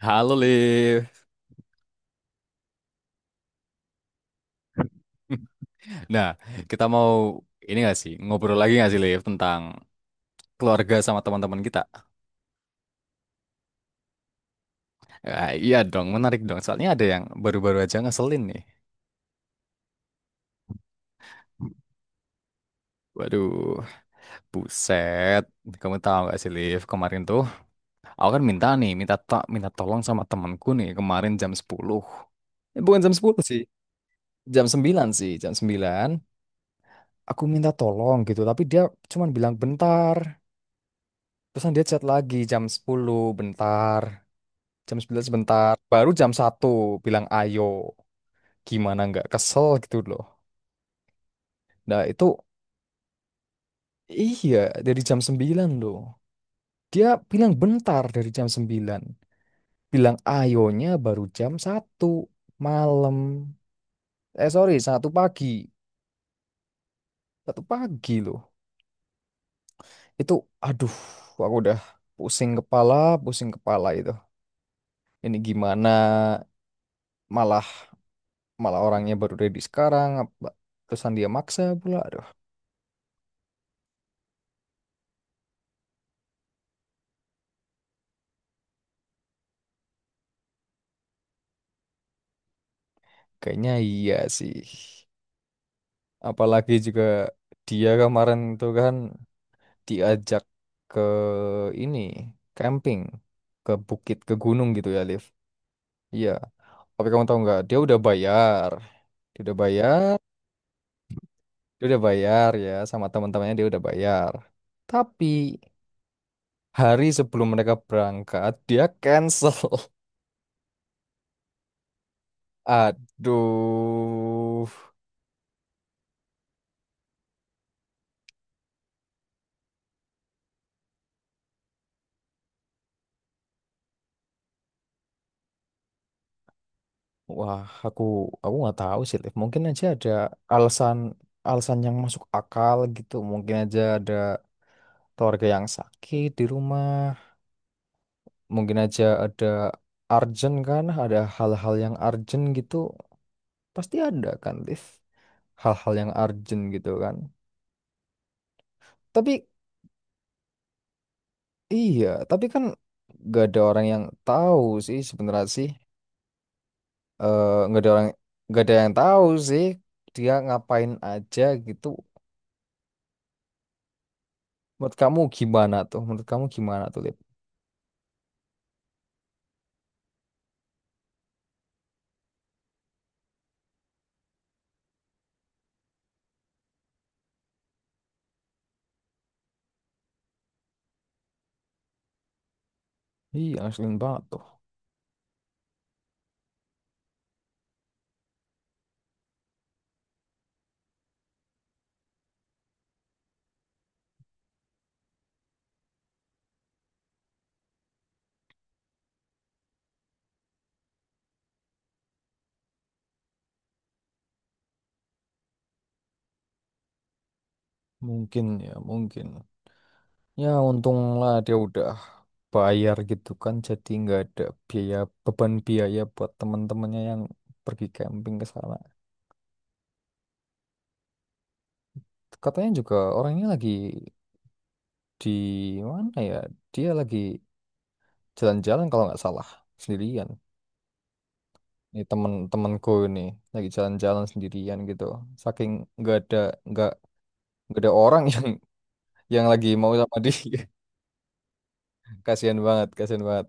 Halo Liv. Nah, kita mau ini gak sih ngobrol lagi gak sih Liv tentang keluarga sama teman-teman kita? Ah, iya dong, menarik dong. Soalnya ada yang baru-baru aja ngeselin nih. Waduh, buset. Kamu tahu gak sih Liv, kemarin tuh aku kan minta nih, minta tak minta tolong sama temanku nih kemarin jam 10. Eh, bukan jam 10 sih, jam 9 sih, jam 9, aku minta tolong gitu, tapi dia cuman bilang bentar. Terusan dia chat lagi jam 10, bentar. Jam 9 sebentar. Baru jam 1 bilang ayo. Gimana nggak kesel gitu loh. Nah itu iya dari jam 9 loh. Dia bilang bentar dari jam 9. Bilang ayonya baru jam 1 malam. Eh sorry, 1 pagi. 1 pagi loh. Itu, aduh, aku udah pusing kepala, pusing kepala itu. Ini gimana malah malah orangnya baru ready sekarang. Terusan dia maksa pula. Aduh, kayaknya iya sih. Apalagi juga dia kemarin itu kan diajak ke ini camping ke bukit ke gunung gitu ya Liv. Iya. Tapi kamu tahu nggak? Dia udah bayar. Dia udah bayar. Dia udah bayar ya sama teman-temannya dia udah bayar. Tapi hari sebelum mereka berangkat dia cancel. Aduh. Wah, aku aku nggak tahu sih Liv. Mungkin aja ada alasan alasan yang masuk akal gitu. Mungkin aja ada keluarga yang sakit di rumah, mungkin aja ada urgent kan, ada hal-hal yang urgent gitu, pasti ada kan, Liv, hal-hal yang urgent gitu kan. Tapi iya, tapi kan gak ada orang yang tahu sih sebenarnya sih. Eh, nggak ada orang, nggak ada yang tahu sih dia ngapain aja gitu. Menurut kamu gimana tuh? Menurut kamu gimana tuh, Liv? Iya, ngeselin banget tuh. Mungkin. Ya untunglah dia udah bayar gitu kan jadi nggak ada biaya beban biaya buat teman-temannya yang pergi camping ke sana. Katanya juga orangnya lagi di mana ya? Dia lagi jalan-jalan kalau nggak salah sendirian. Ini temen-temenku ini lagi jalan-jalan sendirian gitu. Saking nggak ada nggak nggak ada orang yang lagi mau sama dia. Kasihan banget, kasihan banget.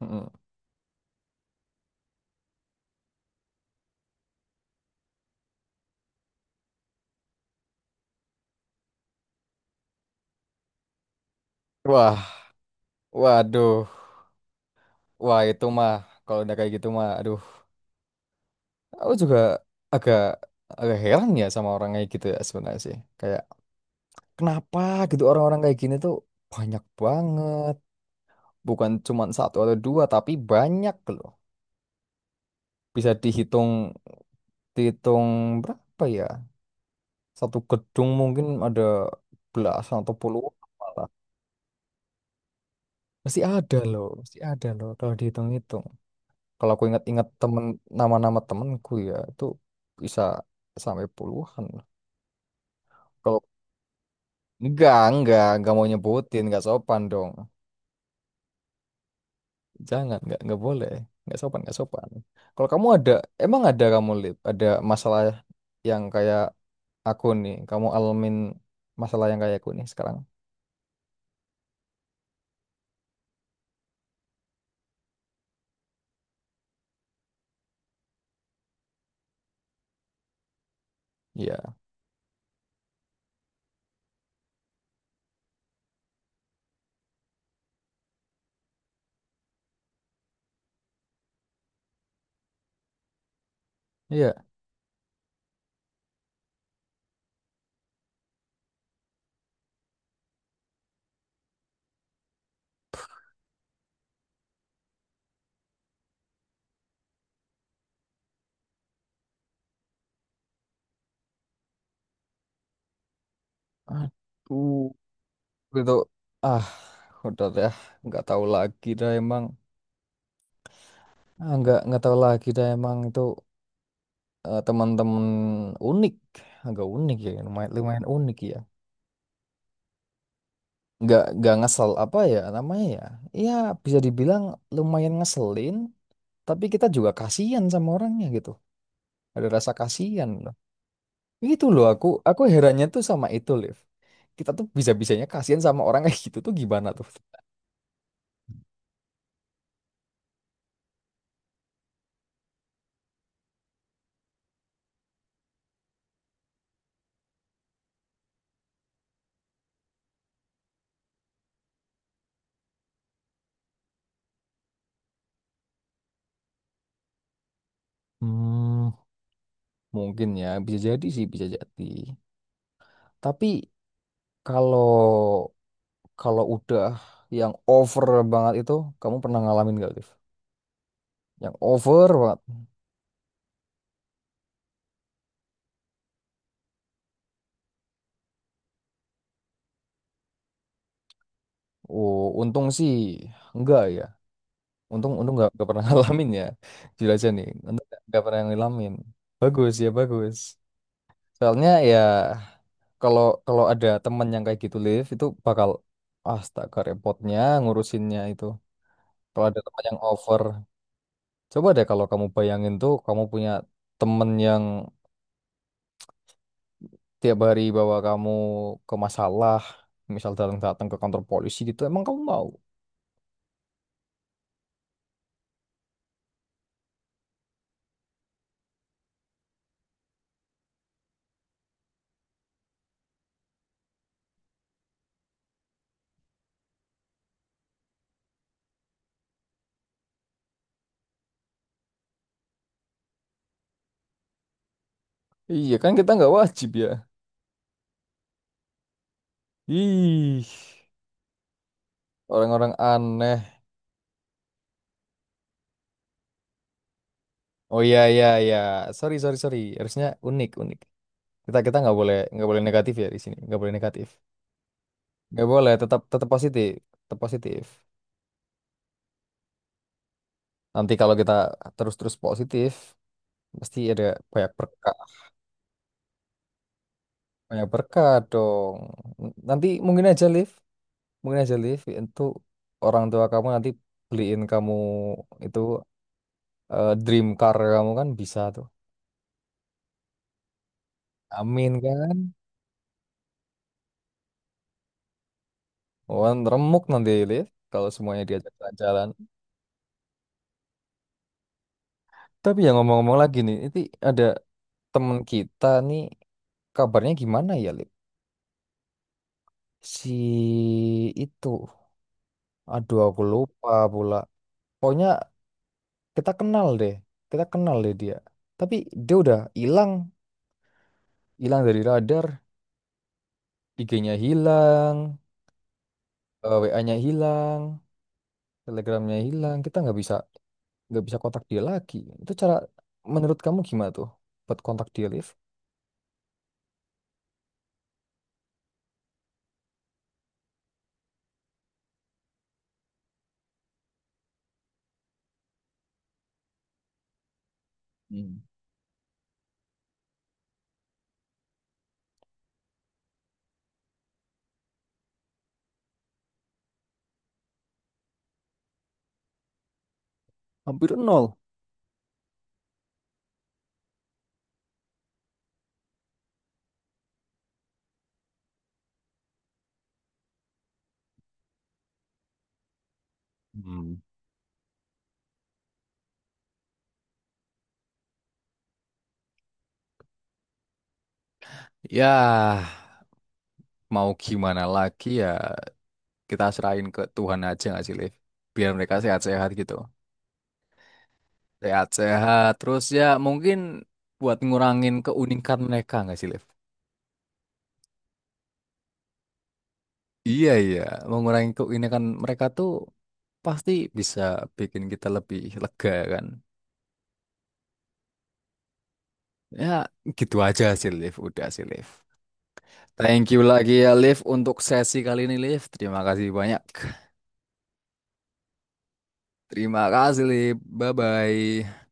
Mm-mm. Wah, waduh, wah itu mah kalau udah kayak gitu mah, aduh. Aku juga agak agak heran ya sama orang kayak gitu ya sebenarnya sih. Kayak kenapa gitu orang-orang kayak gini tuh banyak banget. Bukan cuma satu atau dua tapi banyak loh. Bisa dihitung dihitung berapa ya? Satu gedung mungkin ada belasan atau puluhan malah. Pasti ada loh kalau dihitung-hitung. Kalau aku ingat-ingat temen nama-nama temenku ya itu bisa sampai puluhan. Enggak mau nyebutin, enggak sopan dong. Jangan, enggak boleh. Enggak sopan, enggak sopan. Kalau kamu ada, emang ada kamu, Lip, ada masalah yang kayak aku nih. Kamu alamin masalah yang kayak aku nih sekarang. Iya, iya. Aduh, gitu. Ah, udah deh, enggak tahu lagi dah emang. Ah, enggak tahu lagi dah emang itu eh, teman-teman unik. Agak unik ya, lumayan, lumayan unik ya. Nggak ngesel apa ya namanya ya ya bisa dibilang lumayan ngeselin tapi kita juga kasihan sama orangnya gitu. Ada rasa kasihan loh. Itu loh, aku herannya tuh sama itu Liv, kita tuh bisa-bisanya kasihan sama orang kayak gitu tuh gimana tuh. Hmm, mungkin ya bisa jadi sih bisa jadi tapi kalau kalau udah yang over banget itu, kamu pernah ngalamin gak Liv yang over banget? Oh untung sih enggak ya. Untung untung nggak pernah ngalamin ya, jujur aja nih. Untung nggak pernah ngalamin. Bagus ya bagus. Soalnya ya kalau kalau ada teman yang kayak gitu live itu bakal astaga repotnya ngurusinnya itu. Kalau ada teman yang over, coba deh kalau kamu bayangin tuh kamu punya temen yang tiap hari bawa kamu ke masalah, misal datang datang ke kantor polisi gitu, emang kamu mau? Iya kan kita nggak wajib ya. Ih, orang-orang aneh. Oh iya iya iya. Sorry sorry sorry. Harusnya unik unik. Kita kita nggak boleh negatif ya di sini. Nggak boleh negatif. Nggak boleh. Tetap tetap positif. Tetap positif. Nanti kalau kita terus terus positif, pasti ada banyak berkah. Banyak berkah dong. Nanti mungkin aja Liv itu orang tua kamu nanti beliin kamu itu eh, dream car kamu kan bisa tuh. Amin kan? Oh, remuk nanti Liv kalau semuanya diajak jalan-jalan. Tapi ya ngomong-ngomong lagi nih, itu ada temen kita nih kabarnya gimana ya, Lip? Si itu, aduh aku lupa pula. Pokoknya kita kenal deh, kita kenal deh dia. Tapi dia udah hilang, hilang dari radar. IG-nya hilang, WA-nya hilang, Telegramnya hilang. Kita nggak bisa kontak dia lagi. Itu cara menurut kamu gimana tuh buat kontak dia, Liv? Hmm. Hampir nol. Hmm. Ya, mau gimana lagi ya kita serahin ke Tuhan aja nggak sih Liv biar mereka sehat-sehat gitu sehat-sehat terus ya mungkin buat ngurangin keunikan mereka nggak sih Liv. Iya, iya, mengurangi keunikan mereka tuh pasti bisa bikin kita lebih lega kan. Ya gitu aja sih Liv, udah sih Liv. Thank you lagi ya Liv untuk sesi kali ini Liv. Terima kasih banyak. Terima kasih Liv. Bye-bye.